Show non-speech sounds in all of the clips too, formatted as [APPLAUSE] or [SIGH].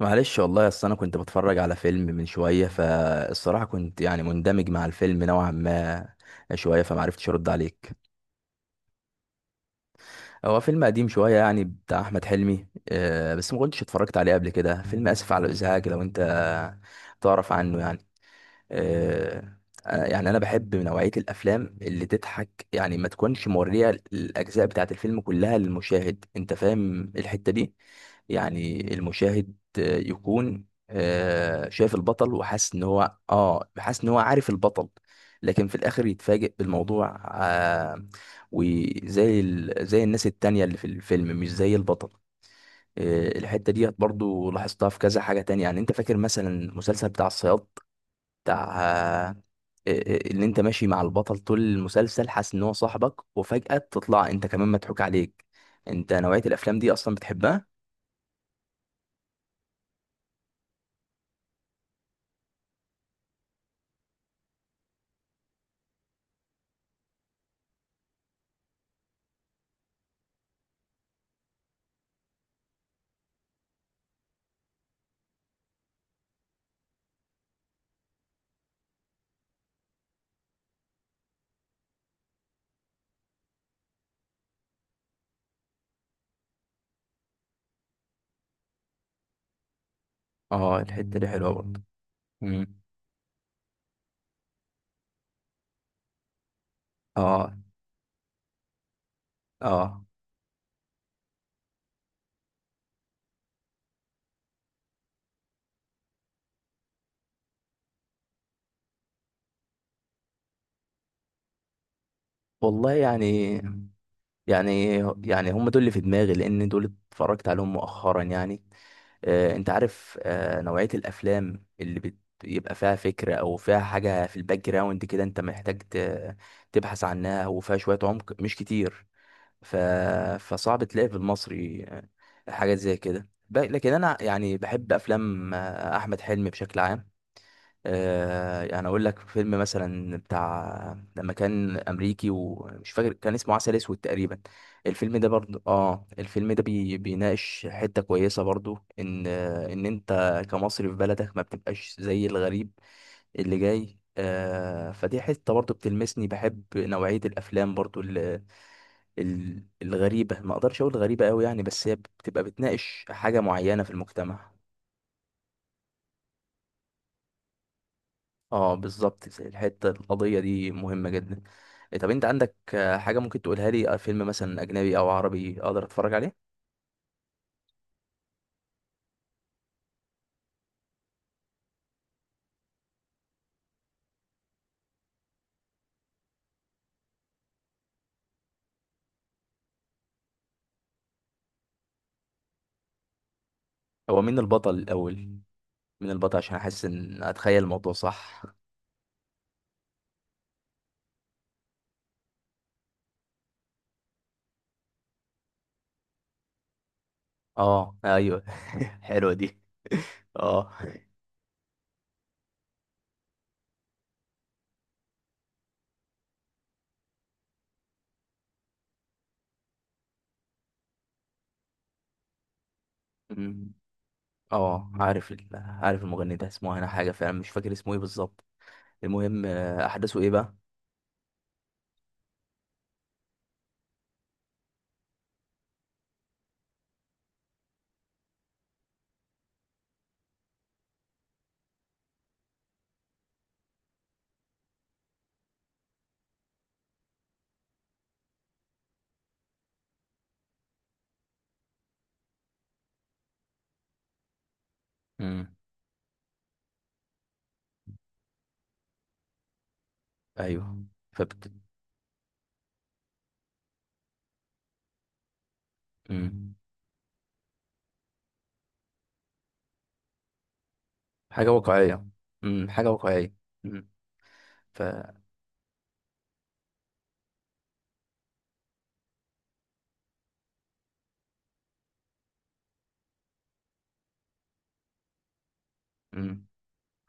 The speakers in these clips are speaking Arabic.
معلش والله، اصل انا كنت بتفرج على فيلم من شويه، فالصراحه كنت يعني مندمج مع الفيلم نوعا ما شويه، فمعرفتش ارد عليك. هو فيلم قديم شويه يعني بتاع احمد حلمي، بس ما كنتش اتفرجت عليه قبل كده. فيلم اسف على الازعاج، لو انت تعرف عنه يعني، آه، يعني انا بحب نوعيه الافلام اللي تضحك، يعني ما تكونش موريه الاجزاء بتاعه الفيلم كلها للمشاهد. انت فاهم الحته دي؟ يعني المشاهد يكون شايف البطل وحاسس ان هو عارف البطل. لكن في الاخر يتفاجئ بالموضوع، زي الناس التانية اللي في الفيلم، مش زي البطل. آه الحتة ديت برضو لاحظتها في كذا حاجة تانية، يعني انت فاكر مثلا المسلسل بتاع الصياد، بتاع آه آه، آه، اللي انت ماشي مع البطل طول المسلسل حاسس ان هو صاحبك، وفجأة تطلع انت كمان مضحوك عليك. انت نوعية الافلام دي اصلا بتحبها؟ اه الحتة دي حلوة برضه. مم. اه اه. والله يعني يعني هم دول اللي في دماغي، لان دول اتفرجت عليهم مؤخرا يعني. انت عارف نوعية الافلام بيبقى فيها فكرة، او فيها حاجة في الباك جراوند كده، انت محتاج تبحث عنها، وفيها شوية عمق مش كتير. ف... فصعب تلاقي في المصري، حاجات زي كده. لكن انا يعني بحب افلام احمد حلمي بشكل عام. يعني اقول لك فيلم مثلا بتاع لما كان امريكي، ومش فاكر كان اسمه عسل اسود تقريبا. الفيلم ده برضو، اه الفيلم ده بي بيناقش حتة كويسة برضو، ان انت كمصري في بلدك ما بتبقاش زي الغريب اللي جاي. آه فدي حتة برضو بتلمسني. بحب نوعية الافلام برضو الغريبة، ما اقدرش اقول غريبة قوي يعني، بس هي بتبقى بتناقش حاجة معينة في المجتمع. اه بالظبط زي الحته، القضيه دي مهمه جدا. إيه، طب انت عندك حاجه ممكن تقولها لي، فيلم مثلا اجنبي او عربي اقدر اتفرج عليه؟ هو مين البطل الاول؟ مين البطل عشان احس ان اتخيل الموضوع صح؟ اه ايوه. [LAUGHS] حلوه دي. اه. أمم، اه عارف المغني ده اسمه انا، حاجه فعلا مش فاكر اسمه ايه بالظبط. المهم احداثه ايه بقى؟ امم. ايوه. فبت... امم حاجه واقعيه. حاجه واقعيه. امم ف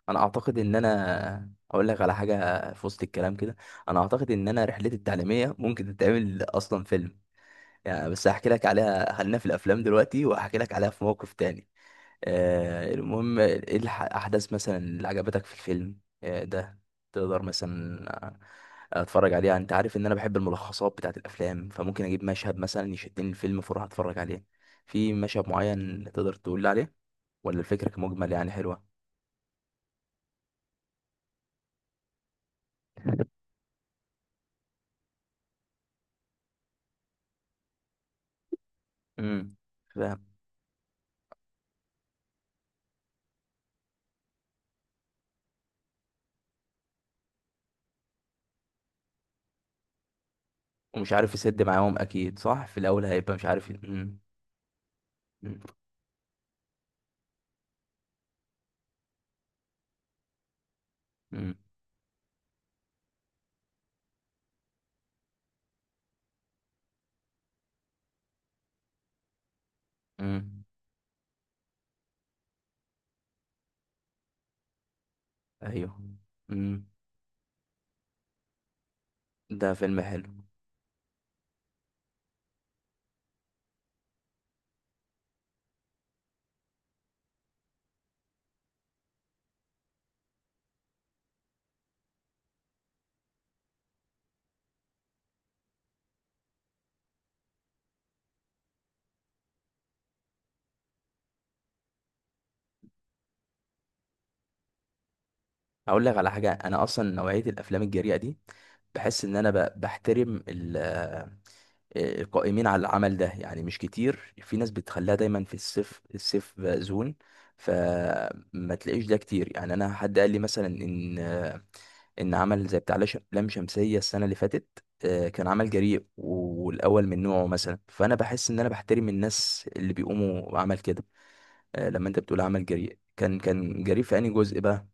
انا اعتقد ان انا اقول لك على حاجه في وسط الكلام كده. انا اعتقد ان انا رحلتي التعليميه ممكن تتعمل اصلا فيلم، يعني بس هحكي لك عليها، خلينا في الافلام دلوقتي وهحكي لك عليها في موقف تاني. المهم ايه الاحداث مثلا اللي عجبتك في الفيلم ده، تقدر مثلا اتفرج عليها. انت عارف ان انا بحب الملخصات بتاعت الافلام، فممكن اجيب مشهد مثلا يشدني الفيلم، فاروح اتفرج عليه. في مشهد معين تقدر تقول لي عليه، ولا الفكره كمجمل يعني حلوه؟ امم ومش عارف يسد معاهم اكيد، صح، في الاول هيبقى مش عارف مم. مم. مم. مم. ايوه. مم. ده فيلم حلو. اقول لك على حاجه، انا اصلا نوعيه الافلام الجريئه دي بحس ان انا بحترم القائمين على العمل ده، يعني مش كتير. في ناس بتخليها دايما في السيف زون، فما تلاقيش ده كتير يعني. انا حد قال لي مثلا ان عمل زي بتاع لام شمسية السنة اللي فاتت، كان عمل جريء والاول من نوعه مثلا، فانا بحس ان انا بحترم الناس اللي بيقوموا بعمل كده. لما انت بتقول عمل جريء كان جريء في انهي جزء بقى؟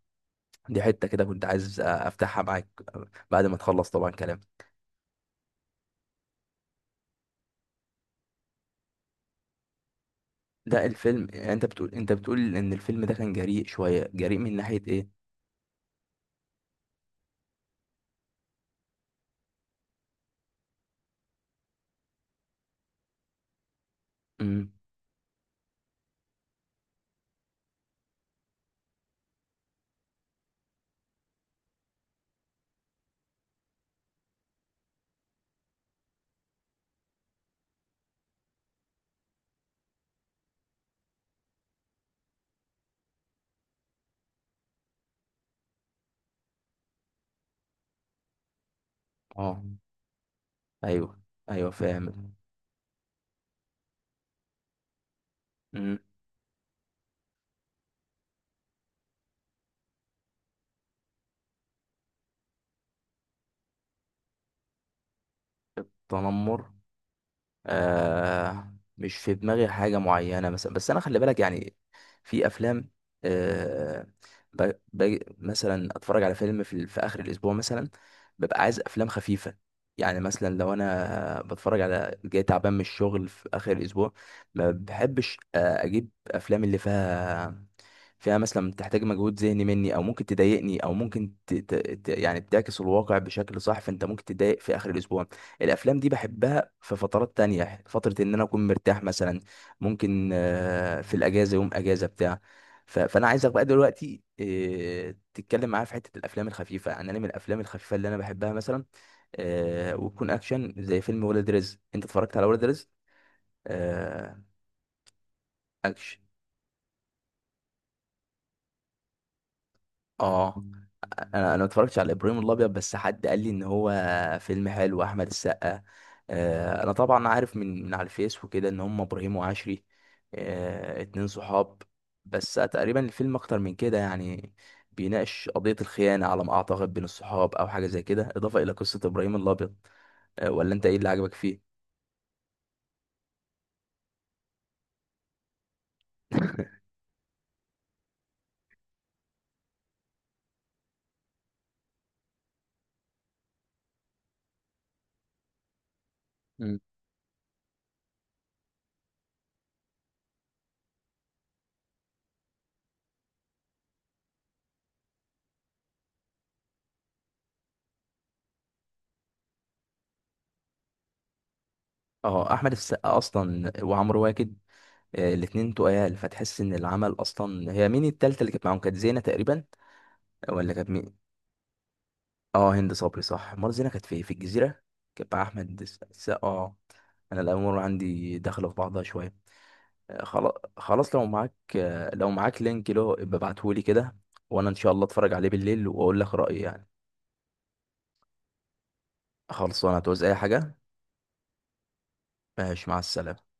دي حتة كده كنت عايز افتحها معاك، آه، بعد ما تخلص طبعا كلام ده الفيلم. يعني انت بتقول ان الفيلم ده كان جريء شوية، جريء من ناحية ايه؟ امم. اه ايوه. ايوه فاهم. امم تنمر، آه مش في دماغي حاجة معينة مثلا، بس أنا خلي بالك يعني، في أفلام آه مثلا أتفرج على فيلم في آخر الأسبوع مثلا، ببقى عايز أفلام خفيفة. يعني مثلا لو أنا بتفرج على جاي تعبان من الشغل في آخر الأسبوع، ما بحبش أجيب أفلام اللي فيها مثلا تحتاج مجهود ذهني مني، او ممكن تضايقني، او ممكن يعني بتعكس الواقع بشكل صح، فانت ممكن تضايق في اخر الاسبوع. الافلام دي بحبها في فترات تانية، فترة ان انا اكون مرتاح مثلا. ممكن في الاجازة، يوم اجازة بتاع. فانا عايزك بقى دلوقتي تتكلم معايا في حتة الافلام الخفيفة. يعني انا من الافلام الخفيفة اللي انا بحبها مثلا وتكون اكشن، زي فيلم ولاد رزق. انت اتفرجت على ولاد رزق؟ آه، اكشن. اه انا انا ما اتفرجتش على ابراهيم الابيض، بس حد قال لي ان هو فيلم حلو، احمد السقا. انا طبعا عارف من على الفيس وكده ان هم ابراهيم وعشري، اتنين صحاب. بس تقريبا الفيلم اكتر من كده يعني، بيناقش قضية الخيانة على ما اعتقد بين الصحاب، او حاجة زي كده، اضافة الى قصة ابراهيم الابيض. ولا انت ايه اللي عجبك فيه؟ مم. اه، احمد السقا اصلا وعمرو واكد، الاتنين تقال، فتحس ان العمل اصلا. هي مين التالتة اللي كانت معاهم؟ كانت زينة تقريبا، ولا كانت مين؟ اه هند صبري صح. مرة زينة كانت في الجزيرة، كانت مع أحمد السقا. اه. أنا الأمور عندي داخلة في بعضها شوية. خلاص خلاص، لو معاك لينك له يبقى ابعتهولي كده، وأنا إن شاء الله أتفرج عليه بالليل وأقول لك رأيي يعني. خلصانة. هتعوز أي حاجة؟ ماشي، مع السلامة.